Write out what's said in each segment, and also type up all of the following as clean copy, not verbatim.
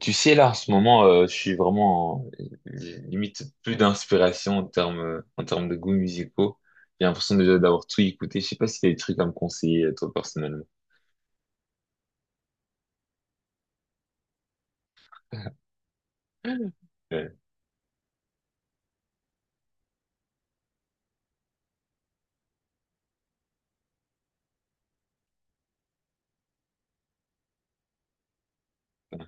Tu sais, là, en ce moment, je suis vraiment j'ai limite plus d'inspiration en termes de goûts musicaux. J'ai l'impression déjà d'avoir tout écouté. Je sais pas si t'as des trucs à me conseiller, toi, personnellement. Euh, euh,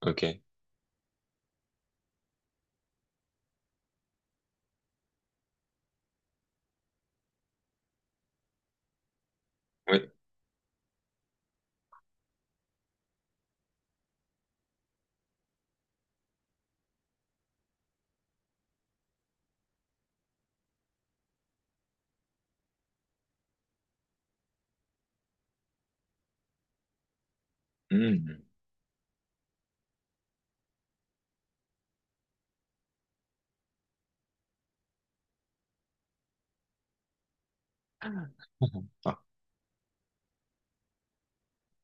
ok. Oui. Hmm. Ah,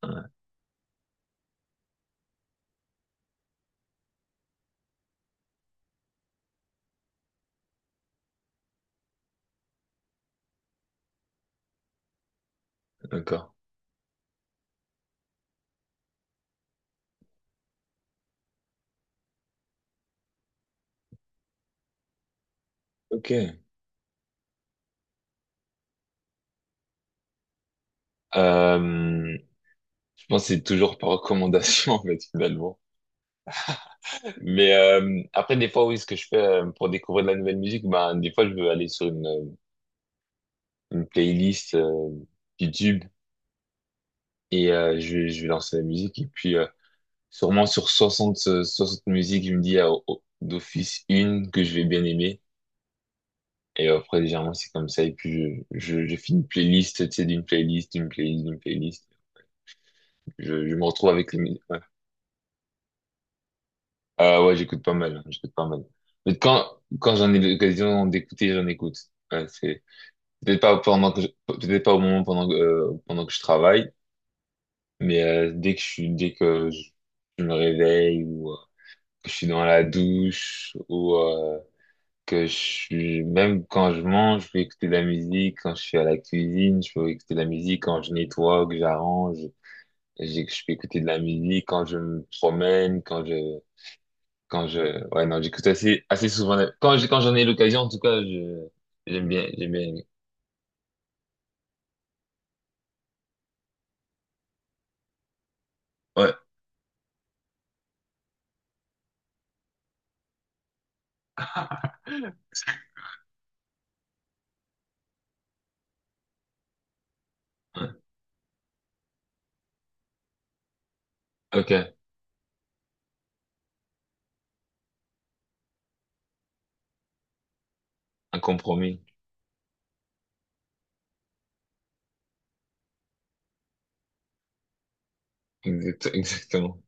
ah, d'accord. Ok. Je pense que c'est toujours par recommandation, en fait, finalement. Mais après, des fois, oui, ce que je fais pour découvrir de la nouvelle musique, ben, des fois, je veux aller sur une playlist YouTube. Et je vais lancer la musique. Et puis, sûrement sur 60 60 musiques, je me dis ah, oh, oh, d'office une que je vais bien aimer. Et après, légèrement, c'est comme ça. Et puis, je fais une playlist, tu sais, d'une playlist, d'une playlist, d'une playlist. Je me retrouve avec les musiques. Ouais, ah ouais, j'écoute pas mal. Hein, j'écoute pas mal. Mais quand j'en ai l'occasion d'écouter, j'en écoute. Ouais, c'est peut-être pas pendant que peut-être pas au moment pendant que je travaille, mais dès que je suis, dès que je me réveille ou que je suis dans la douche ou que je suis même quand je mange, je peux écouter de la musique. Quand je suis à la cuisine, je peux écouter de la musique. Quand je nettoie, que j'arrange, je peux écouter de la musique. Quand je me promène, quand je ouais non, j'écoute assez souvent. Quand j'en ai l'occasion, en tout cas, je j'aime bien j'aime bien. Aimer. Ouais, ouais. Ok, un compromis. Exactement.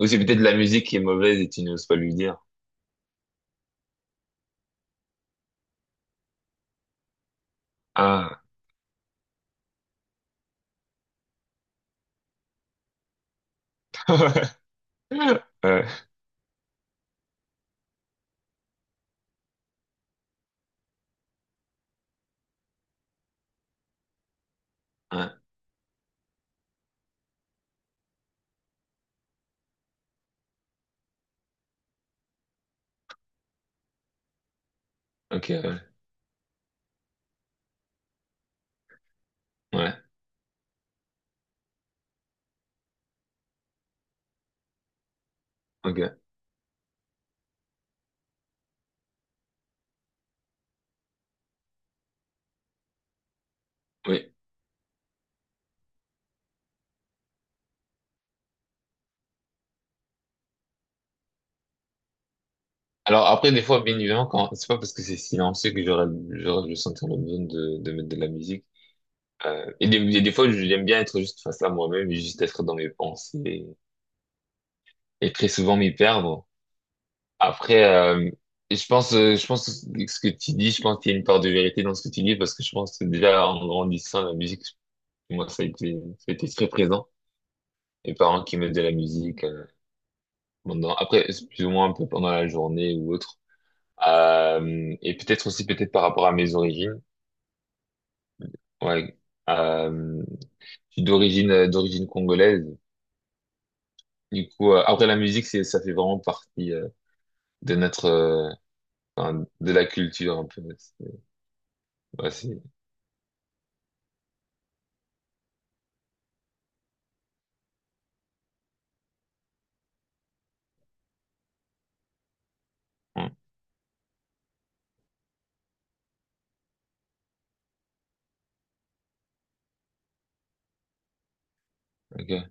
Ou c'est peut-être la musique qui est mauvaise et tu n'oses pas lui dire. Ah. Ouais. Ouais. Ok. Ouais. Ouais. Ok, oui. Alors après, des fois, bien évidemment, quand c'est pas parce que c'est silencieux que je sentir le besoin de mettre de la musique. Et des fois, j'aime bien être juste face à moi-même et juste être dans mes pensées et très souvent m'y perdre. Après, et je pense que ce que tu dis, je pense qu'il y a une part de vérité dans ce que tu dis parce que je pense que déjà en grandissant, la musique, moi, ça a été très présent. Mes parents qui mettent de la musique, pendant, après, c'est plus ou moins un peu pendant la journée ou autre. Et peut-être aussi peut-être par rapport à mes origines. Ouais. Euh, je suis d'origine congolaise. Du coup, après la musique, c'est ça fait vraiment partie de notre enfin, de la culture un peu. C'est... Ouais, c'est... Ouais, ok,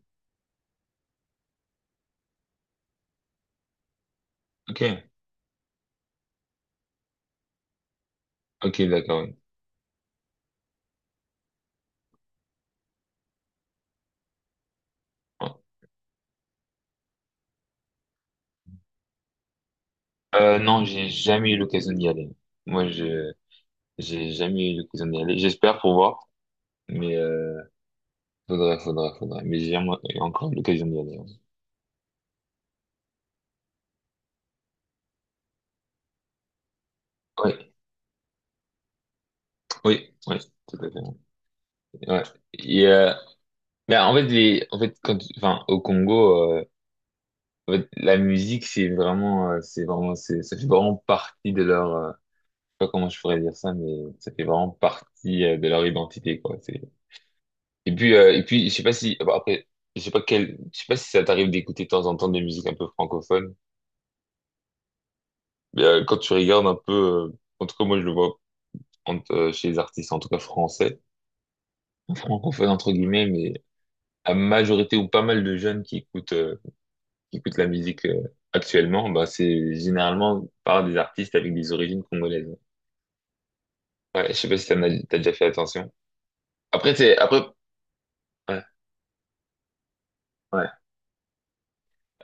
ok, ok, d'accord. Ouais. Ouais. Non, j'ai jamais eu l'occasion d'y aller. Moi, je j'ai jamais eu l'occasion d'y aller. J'espère pour voir, mais faudrait. Mais j'ai jamais eu encore l'occasion d'y aller. Ouais, oui, tout à fait. Ouais. Et, mais en fait, en fait, quand, enfin, au Congo, en fait, la musique, c'est vraiment, c'est vraiment, c'est, ça fait vraiment partie de leur, je sais pas comment je pourrais dire ça, mais ça fait vraiment partie, de leur identité, quoi. C'est, et puis, je sais pas si, bon, après, je sais pas si ça t'arrive d'écouter de temps en temps des musiques un peu francophones, mais, quand tu regardes un peu, en tout cas, moi, je le vois chez les artistes, en tout cas français, francophones, entre guillemets, mais la majorité ou pas mal de jeunes qui écoutent, la musique actuellement, bah, c'est généralement par des artistes avec des origines congolaises. Ouais, je sais pas si t'en as, t'as déjà fait attention. Après, c'est, après, ouais, ouais.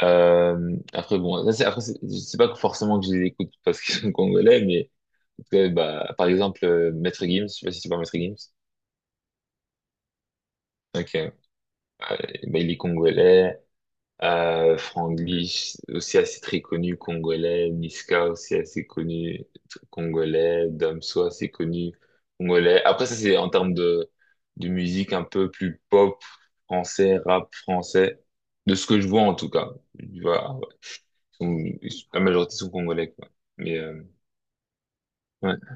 Après, bon, là, c'est, après, c'est je sais pas forcément que je les écoute parce qu'ils sont congolais, mais, en tout cas, bah, par exemple, Maître Gims, je sais pas si tu vois Maître Gims. Ok, ouais, bah, il est congolais. Franglis, aussi assez très connu, congolais. Niska, aussi assez connu, congolais. Damso, assez connu, congolais. Après, ça, c'est en termes de musique un peu plus pop, français, rap français. De ce que je vois, en tout cas. Tu vois, ah ouais. La majorité sont congolais, quoi. Mais, ouais.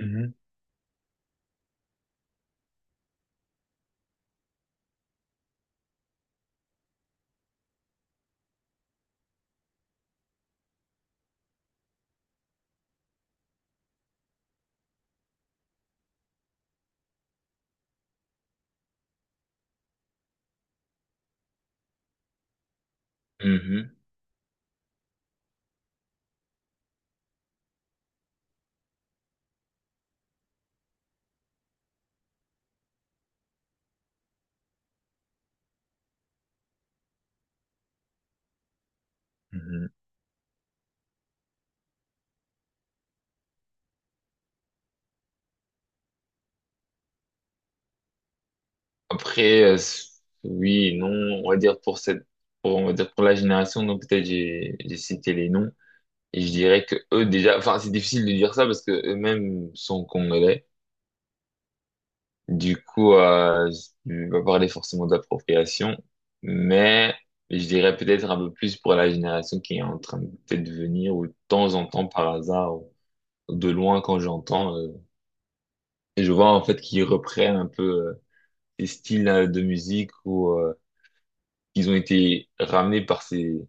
Mhm, mhm, mhm. Après, oui, non, on va dire pour cette, pour, on va dire pour la génération, donc peut-être j'ai cité les noms. Et je dirais que eux déjà, enfin c'est difficile de dire ça parce que eux-mêmes sont congolais. Du coup, je vais pas parler forcément d'appropriation, mais je dirais peut-être un peu plus pour la génération qui est en train de peut-être venir ou de temps en temps par hasard ou de loin quand j'entends, et je vois en fait qu'ils reprennent un peu les styles de musique ou qu'ils ont été ramenés par ces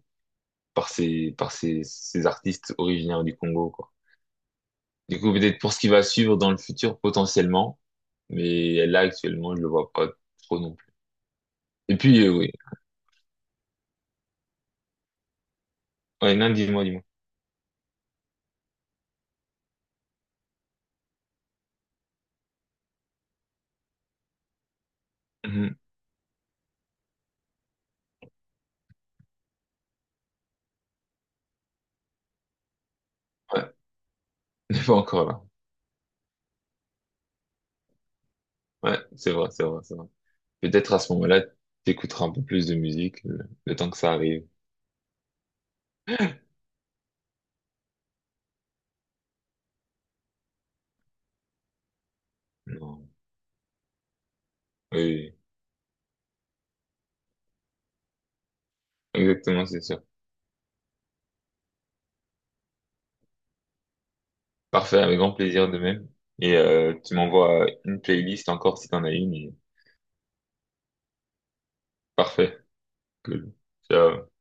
par ces par ces, ces artistes originaires du Congo, quoi. Du coup, peut-être pour ce qui va suivre dans le futur potentiellement, mais là actuellement, je le vois pas trop non plus. Et puis oui, ouais, non, dis-moi, dis-moi. Mhm. Ouais, n'est pas encore là. Ouais, c'est vrai, c'est vrai, c'est vrai. Peut-être à ce moment-là, t'écouteras un peu plus de musique le temps que ça arrive. Non. Oui, oui. Exactement, c'est sûr. Parfait, avec grand plaisir de même. Et tu m'envoies une playlist encore si t'en as une. Parfait, cool. Ciao.